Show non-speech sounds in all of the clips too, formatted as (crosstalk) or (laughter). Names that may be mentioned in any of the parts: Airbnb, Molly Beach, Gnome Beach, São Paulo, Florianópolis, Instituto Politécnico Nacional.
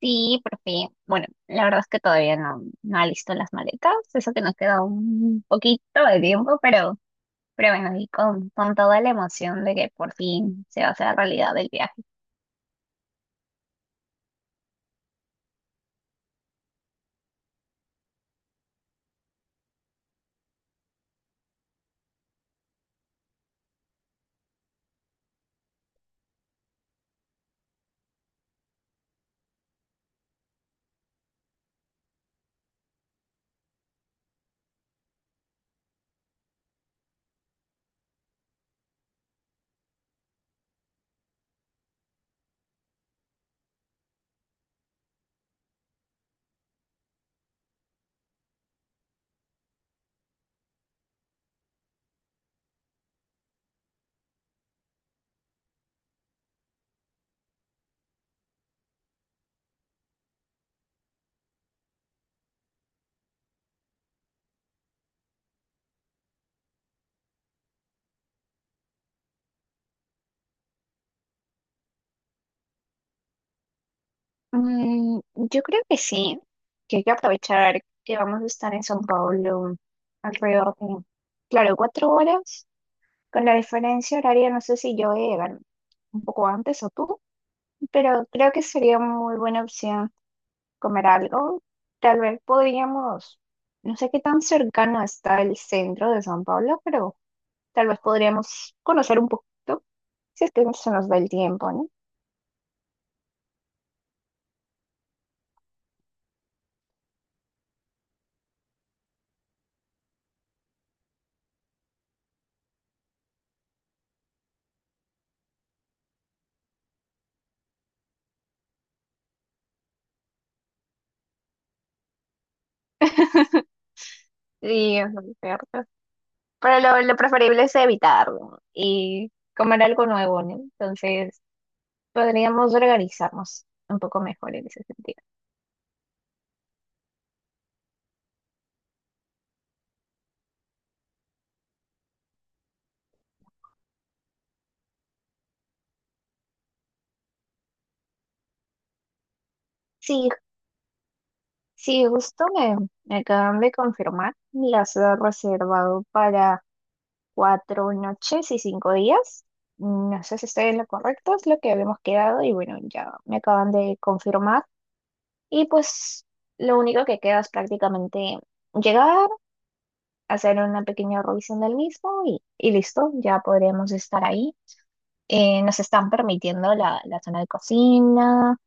Sí, porque, bueno, la verdad es que todavía no alisto las maletas, eso que nos queda un poquito de tiempo, pero bueno, y con toda la emoción de que por fin se va a hacer realidad el viaje. Mm, yo creo que sí, que hay que aprovechar que vamos a estar en São Paulo alrededor de, claro, 4 horas, con la diferencia horaria, no sé si yo voy a llegar un poco antes o tú, pero creo que sería muy buena opción comer algo. Tal vez podríamos, no sé qué tan cercano está el centro de San Pablo, pero tal vez podríamos conocer un poquito, si es que se nos da el tiempo, ¿no? Sí, es lo cierto. Pero lo preferible es evitarlo y comer algo nuevo, ¿no? Entonces, podríamos organizarnos un poco mejor en ese sentido. Sí, sí, justo me acaban de confirmar, las he reservado para 4 noches y 5 días. No sé si estoy en lo correcto, es lo que habíamos quedado y bueno, ya me acaban de confirmar. Y pues lo único que queda es prácticamente llegar, hacer una pequeña revisión del mismo y listo, ya podremos estar ahí. Nos están permitiendo la zona de cocina,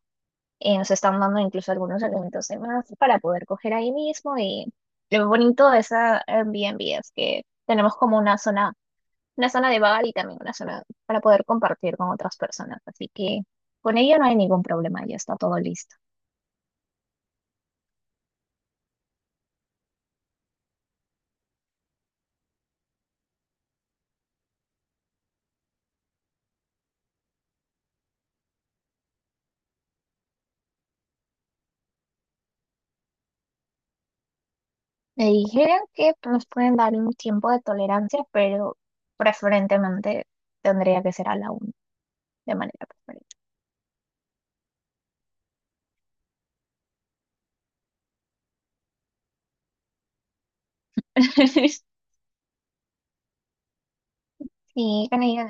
nos están dando incluso algunos elementos de más para poder coger ahí mismo y lo bonito de esa Airbnb es que tenemos como una zona de bar y también una zona para poder compartir con otras personas. Así que con ello no hay ningún problema, ya está todo listo. Me dijeron que nos pueden dar un tiempo de tolerancia, pero preferentemente tendría que ser a la una, de manera preferente. (laughs) Sí, con ello,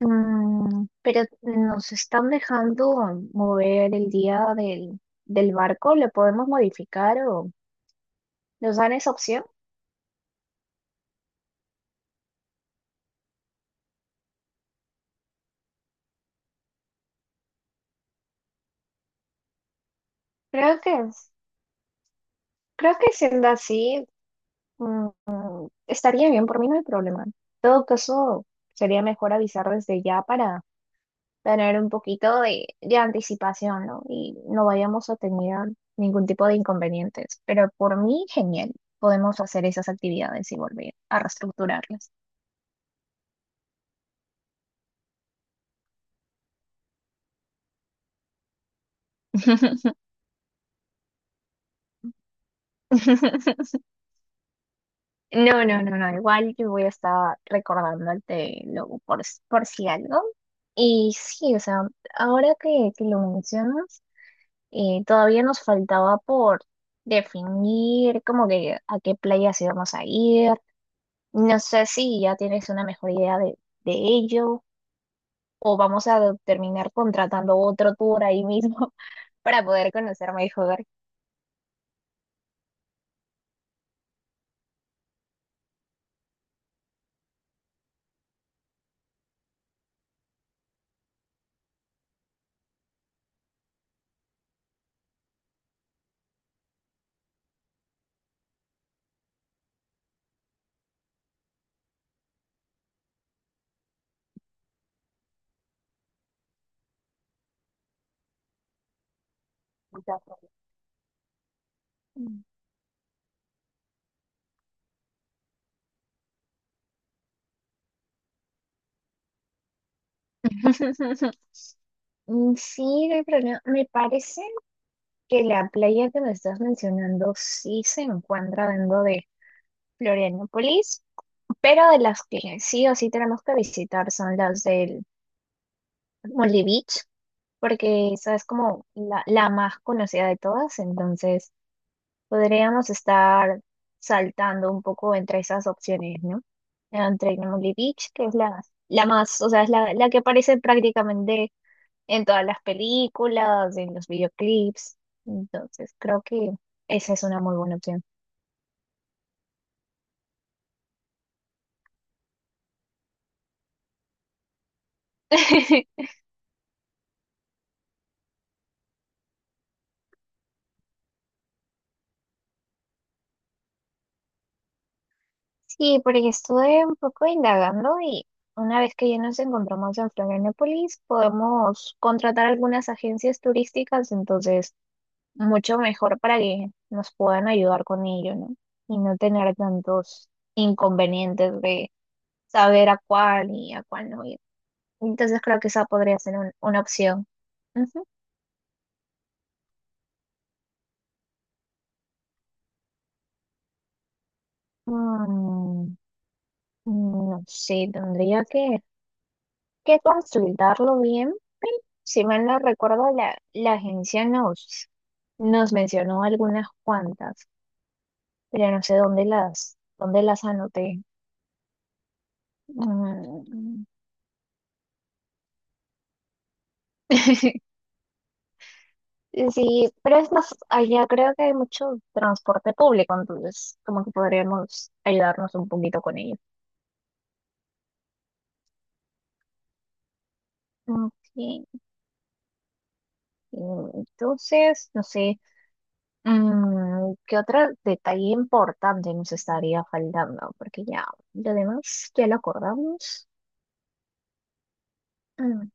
pero nos están dejando mover el día del barco, ¿le podemos modificar o nos dan esa opción? Creo que, creo que siendo así, mm, estaría bien, por mí no hay problema. En todo caso, sería mejor avisar desde ya para tener un poquito de anticipación, ¿no? Y no vayamos a tener ningún tipo de inconvenientes. Pero por mí, genial. Podemos hacer esas actividades y volver a reestructurarlas. (laughs) No, no, no, no. Igual yo voy a estar recordándote luego por si algo. Y sí, o sea, ahora que lo mencionas. Todavía nos faltaba por definir como que a qué playas íbamos a ir. No sé si ya tienes una mejor idea de ello o vamos a terminar contratando otro tour ahí mismo (laughs) para poder conocer mejor. (laughs) Mm, sí, de problema. Me parece que la playa que me estás mencionando sí se encuentra dentro de Florianópolis, pero de las que sí o sí tenemos que visitar son las del Molly Beach. Porque esa es como la más conocida de todas, entonces podríamos estar saltando un poco entre esas opciones, ¿no? Entre Gnome Beach, que es la, la más, o sea, es la que aparece prácticamente en todas las películas, en los videoclips, entonces creo que esa es una muy buena opción. (laughs) Sí, porque estuve un poco indagando y una vez que ya nos encontramos en Florianópolis, podemos contratar algunas agencias turísticas, entonces mucho mejor para que nos puedan ayudar con ello, ¿no? Y no tener tantos inconvenientes de saber a cuál y a cuál no ir. Entonces creo que esa podría ser una opción. Ujú. Mm, no sé, que consultarlo bien. Pero si mal no recuerdo, la agencia nos mencionó algunas cuantas, pero no sé dónde las anoté. Mm. (laughs) Sí, pero es más, allá creo que hay mucho transporte público, entonces como que podríamos ayudarnos un poquito con ello. Ok, entonces, no sé, ¿qué otro detalle importante nos estaría faltando? Porque ya, lo demás ya lo acordamos. Mm.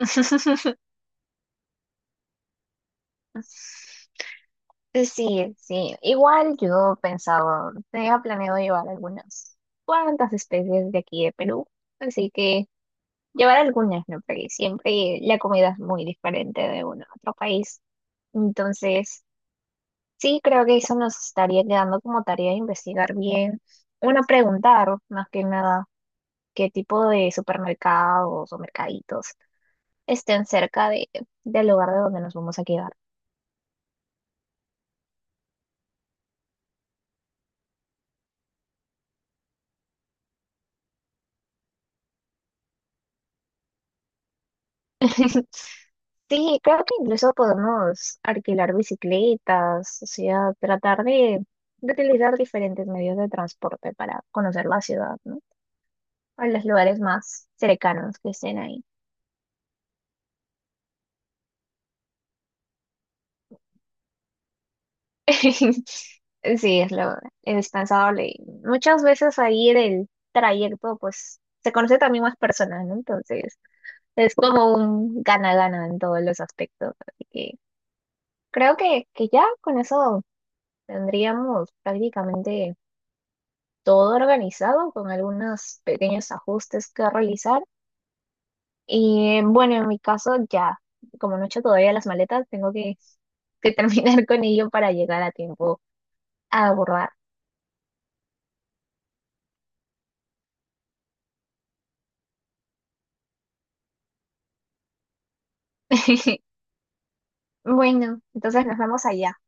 (laughs) Sí, sí, igual yo pensaba, tenía planeado llevar algunas cuantas especies de aquí de Perú, así que... Llevar algunas, ¿no? Porque siempre la comida es muy diferente de uno a otro país. Entonces, sí, creo que eso nos estaría quedando como tarea de investigar bien. Bueno, preguntar más que nada qué tipo de supermercados o mercaditos estén cerca del lugar de donde nos vamos a quedar. (laughs) Sí, creo que incluso podemos alquilar bicicletas, o sea, de utilizar diferentes medios de transporte para conocer la ciudad, ¿no? A los lugares más cercanos que estén ahí. (laughs) Sí, es lo indispensable. Y muchas veces ahí en el trayecto, pues se conoce también más personas, ¿no? Entonces, es como un gana-gana en todos los aspectos. Así que que ya con eso tendríamos prácticamente todo organizado, con algunos pequeños ajustes que realizar. Y bueno, en mi caso ya, como no he hecho todavía las maletas, que terminar (laughs) con ello para llegar a tiempo a abordar. (laughs) Bueno, entonces nos vemos allá.